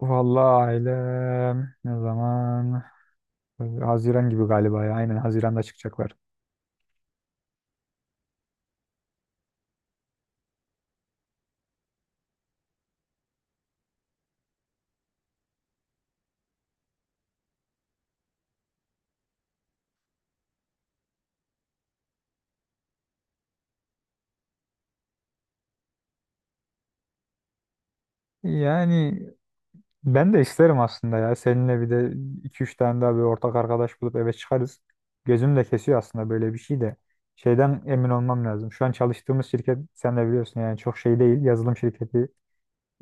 Vallahi ailem ne zaman? Haziran gibi galiba ya. Aynen Haziran'da çıkacaklar. Yani ben de isterim aslında ya. Seninle bir de iki üç tane daha bir ortak arkadaş bulup eve çıkarız. Gözüm de kesiyor aslında böyle bir şey de. Şeyden emin olmam lazım. Şu an çalıştığımız şirket sen de biliyorsun, yani çok şey değil. Yazılım şirketi.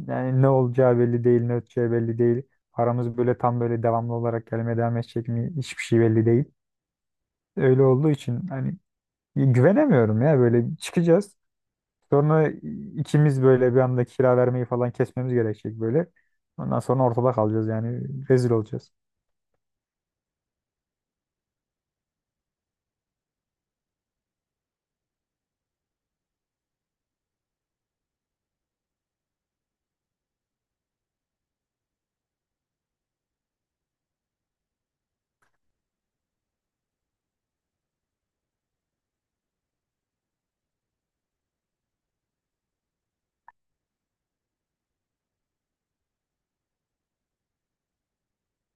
Yani ne olacağı belli değil, ne öteceği belli değil. Paramız böyle tam böyle devamlı olarak gelmeye devam edecek mi? Hiçbir şey belli değil. Öyle olduğu için hani güvenemiyorum ya, böyle çıkacağız. Sonra ikimiz böyle bir anda kira vermeyi falan kesmemiz gerekecek böyle. Ondan sonra ortada kalacağız, yani rezil olacağız.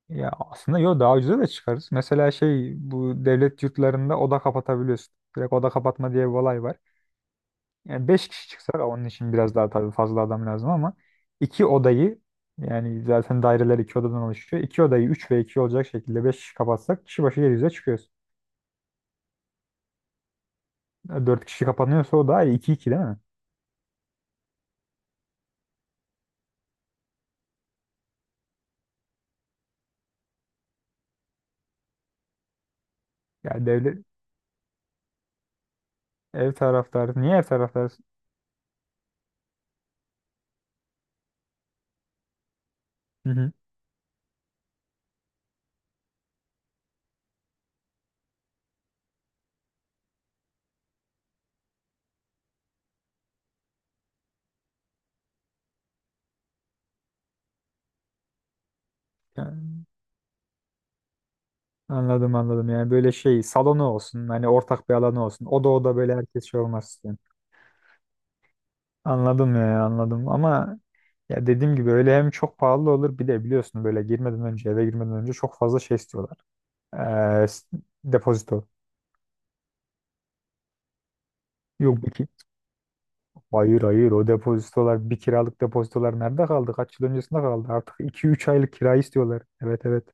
Ya aslında yo, daha ucuza da çıkarız. Mesela şey, bu devlet yurtlarında oda kapatabiliyorsun. Direkt oda kapatma diye bir olay var. Yani 5 kişi çıksak onun için biraz daha tabii fazla adam lazım, ama iki odayı, yani zaten daireler iki odadan oluşuyor. İki odayı 3 ve 2 olacak şekilde 5 kişi kapatsak kişi başı 700'e çıkıyoruz. 4 kişi kapanıyorsa o daha iyi. İki 2 değil mi? Yani devlet ev taraftarı. Niye ev taraftarı? Hı hı. Yani anladım anladım. Yani böyle şey salonu olsun. Hani ortak bir alanı olsun. Oda oda böyle herkes şey olmaz istiyorum. Anladım ya anladım, ama ya dediğim gibi öyle hem çok pahalı olur, bir de biliyorsun böyle girmeden önce, eve girmeden önce çok fazla şey istiyorlar. Ee, s- depozito. Yok bir ki. Hayır hayır, o depozitolar, bir kiralık depozitolar nerede kaldı? Kaç yıl öncesinde kaldı? Artık iki üç aylık kira istiyorlar. Evet evet.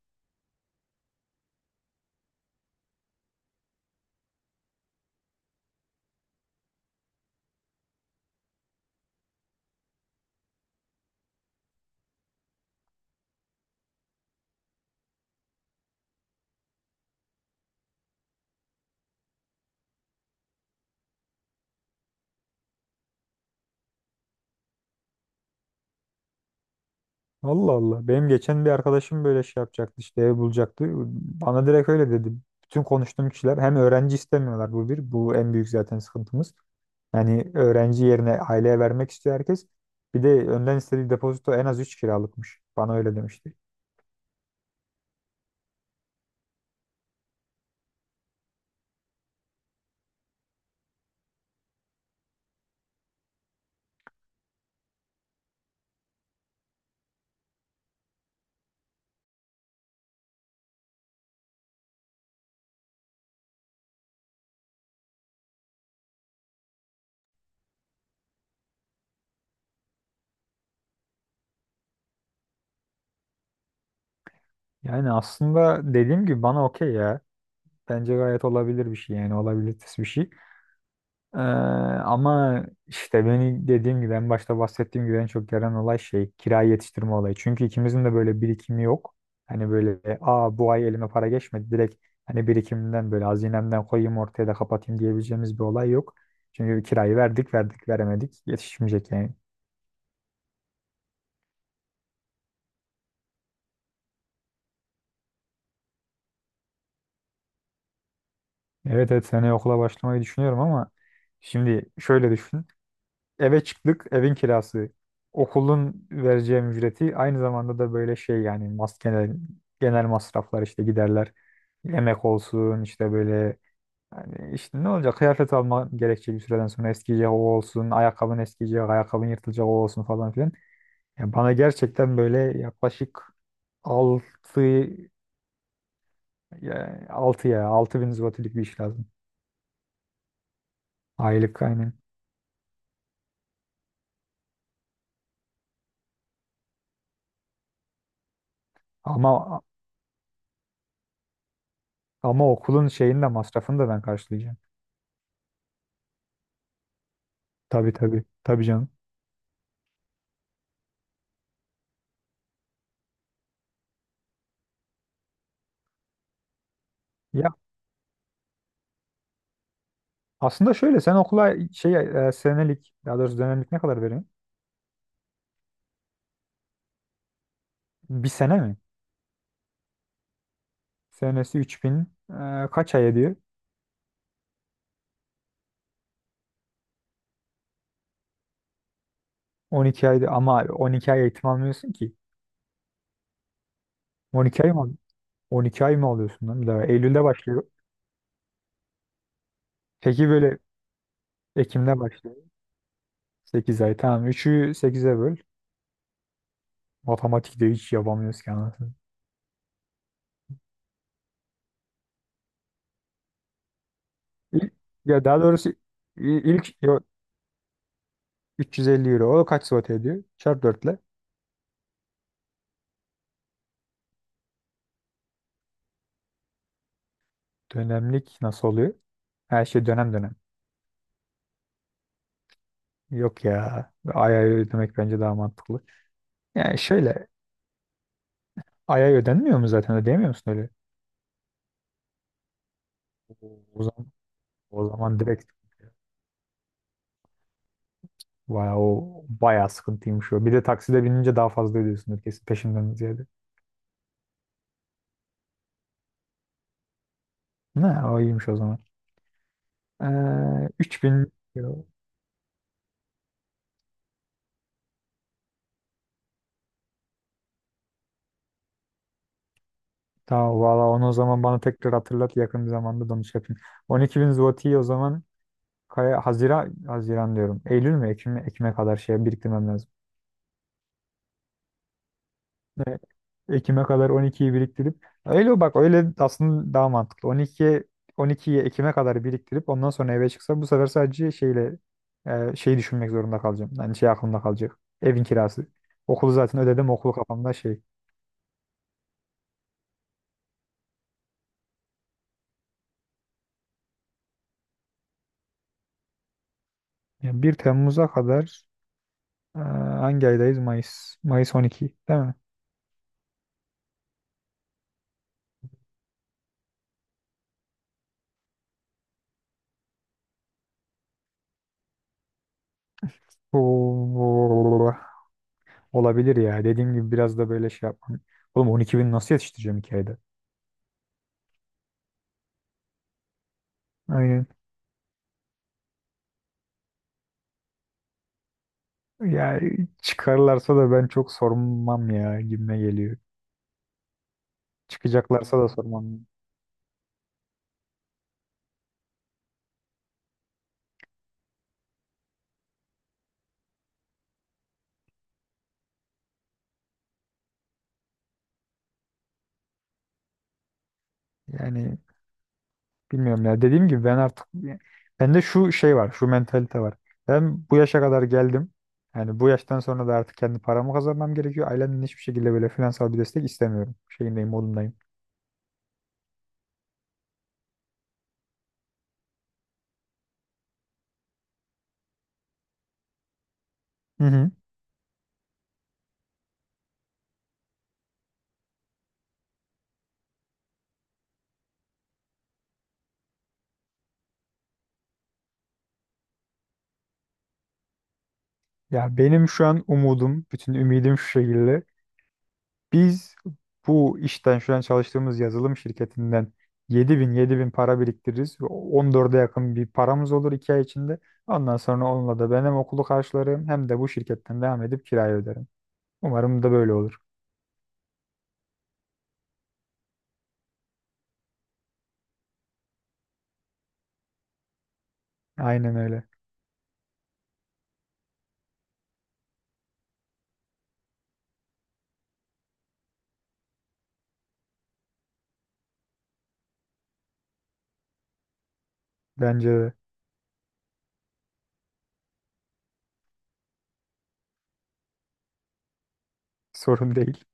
Allah Allah. Benim geçen bir arkadaşım böyle şey yapacaktı, işte ev bulacaktı. Bana direkt öyle dedi. Bütün konuştuğum kişiler hem öğrenci istemiyorlar, bu bir. Bu en büyük zaten sıkıntımız. Yani öğrenci yerine aileye vermek istiyor herkes. Bir de önden istediği depozito en az 3 kiralıkmış. Bana öyle demişti. Yani aslında dediğim gibi bana okey ya. Bence gayet olabilir bir şey, yani olabilitesi bir şey. Ee, ama işte beni, dediğim gibi en başta bahsettiğim gibi, en çok gelen olay şey kirayı yetiştirme olayı. Çünkü ikimizin de böyle birikimi yok. Hani böyle, aa bu ay elime para geçmedi direkt, hani birikimden böyle hazinemden koyayım ortaya da kapatayım diyebileceğimiz bir olay yok. Çünkü kirayı verdik verdik veremedik, yetişmeyecek yani. Evet evet, seneye okula başlamayı düşünüyorum, ama şimdi şöyle düşün. Eve çıktık, evin kirası, okulun vereceğim ücreti, aynı zamanda da böyle şey, yani mas, genel, genel masraflar, işte giderler. Yemek olsun, işte böyle, yani işte ne olacak, kıyafet alma gerekecek, bir süreden sonra eskiyecek o olsun, ayakkabın eskiyecek, ayakkabın yırtılacak o olsun falan filan. Yani bana gerçekten böyle yaklaşık altı, ya 6 ya 6.000 zlotilik bir iş lazım. Aylık aynen. Ama ama okulun şeyini de masrafını da ben karşılayacağım. Tabii tabii. Tabii canım. Ya aslında şöyle, sen okula şey, senelik, daha doğrusu dönemlik ne kadar veriyorsun? Bir sene mi? Senesi 3.000, kaç ay ediyor? 12 aydı ama 12 ay eğitim almıyorsun ki. 12 ay mı? 12 ay mı alıyorsun lan bir daha? Eylül'de başlıyor. Peki böyle Ekim'de başlıyor. 8 ay tamam. 3'ü 8'e böl. Matematikte hiç yapamıyoruz ki anasını. İlk- ya daha doğrusu ilk yo, 350 euro. O kaç saat ediyor? Çarp dörtle. Dönemlik nasıl oluyor? Her şey dönem dönem. Yok ya. Ay ay ödemek bence daha mantıklı. Yani şöyle, ay ay ödenmiyor mu zaten, ödeyemiyor musun öyle? O zaman, o zaman direkt vay, o bayağı sıkıntıymış o. Bir de takside binince daha fazla ödüyorsun kesin peşinden ziyade. Ne o, iyiymiş o zaman. 3.000 euro. Tamam valla, onu o zaman bana tekrar hatırlat, yakın bir zamanda dönüş yapayım. 12.000 zloty o zaman, Kaya. Haziran, Haziran diyorum. Eylül mü Ekim'e kadar şeye biriktirmem lazım. Ekim'e kadar 12'yi biriktirip öyle bak, öyle aslında daha mantıklı. 12'yi Ekim'e kadar biriktirip ondan sonra eve çıksa, bu sefer sadece şeyle, şeyi düşünmek zorunda kalacağım. Yani şey aklımda kalacak. Evin kirası. Okulu zaten ödedim. Okulu kafamda şey. Yani 1 Temmuz'a kadar, e, hangi aydayız? Mayıs. Mayıs 12 değil mi? Oo, Olabilir ya. Dediğim gibi biraz da böyle şey yapmam. Oğlum 12 bin nasıl yetiştireceğim 2 ayda? Aynen. Ya çıkarlarsa da ben çok sormam ya, gibime geliyor. Çıkacaklarsa da sormam. Yani bilmiyorum ya. Dediğim gibi ben artık, bende şu şey var, şu mentalite var. Ben bu yaşa kadar geldim. Yani bu yaştan sonra da artık kendi paramı kazanmam gerekiyor. Ailemden hiçbir şekilde böyle finansal bir destek istemiyorum. Şeyindeyim, modundayım. Hı hı. Ya benim şu an umudum, bütün ümidim şu şekilde. Biz bu işten, şu an çalıştığımız yazılım şirketinden, 7.000 bin para biriktiririz. 14'e yakın bir paramız olur 2 ay içinde. Ondan sonra onunla da ben hem okulu karşılarım hem de bu şirketten devam edip kirayı öderim. Umarım da böyle olur. Aynen öyle. Bence de sorun değil.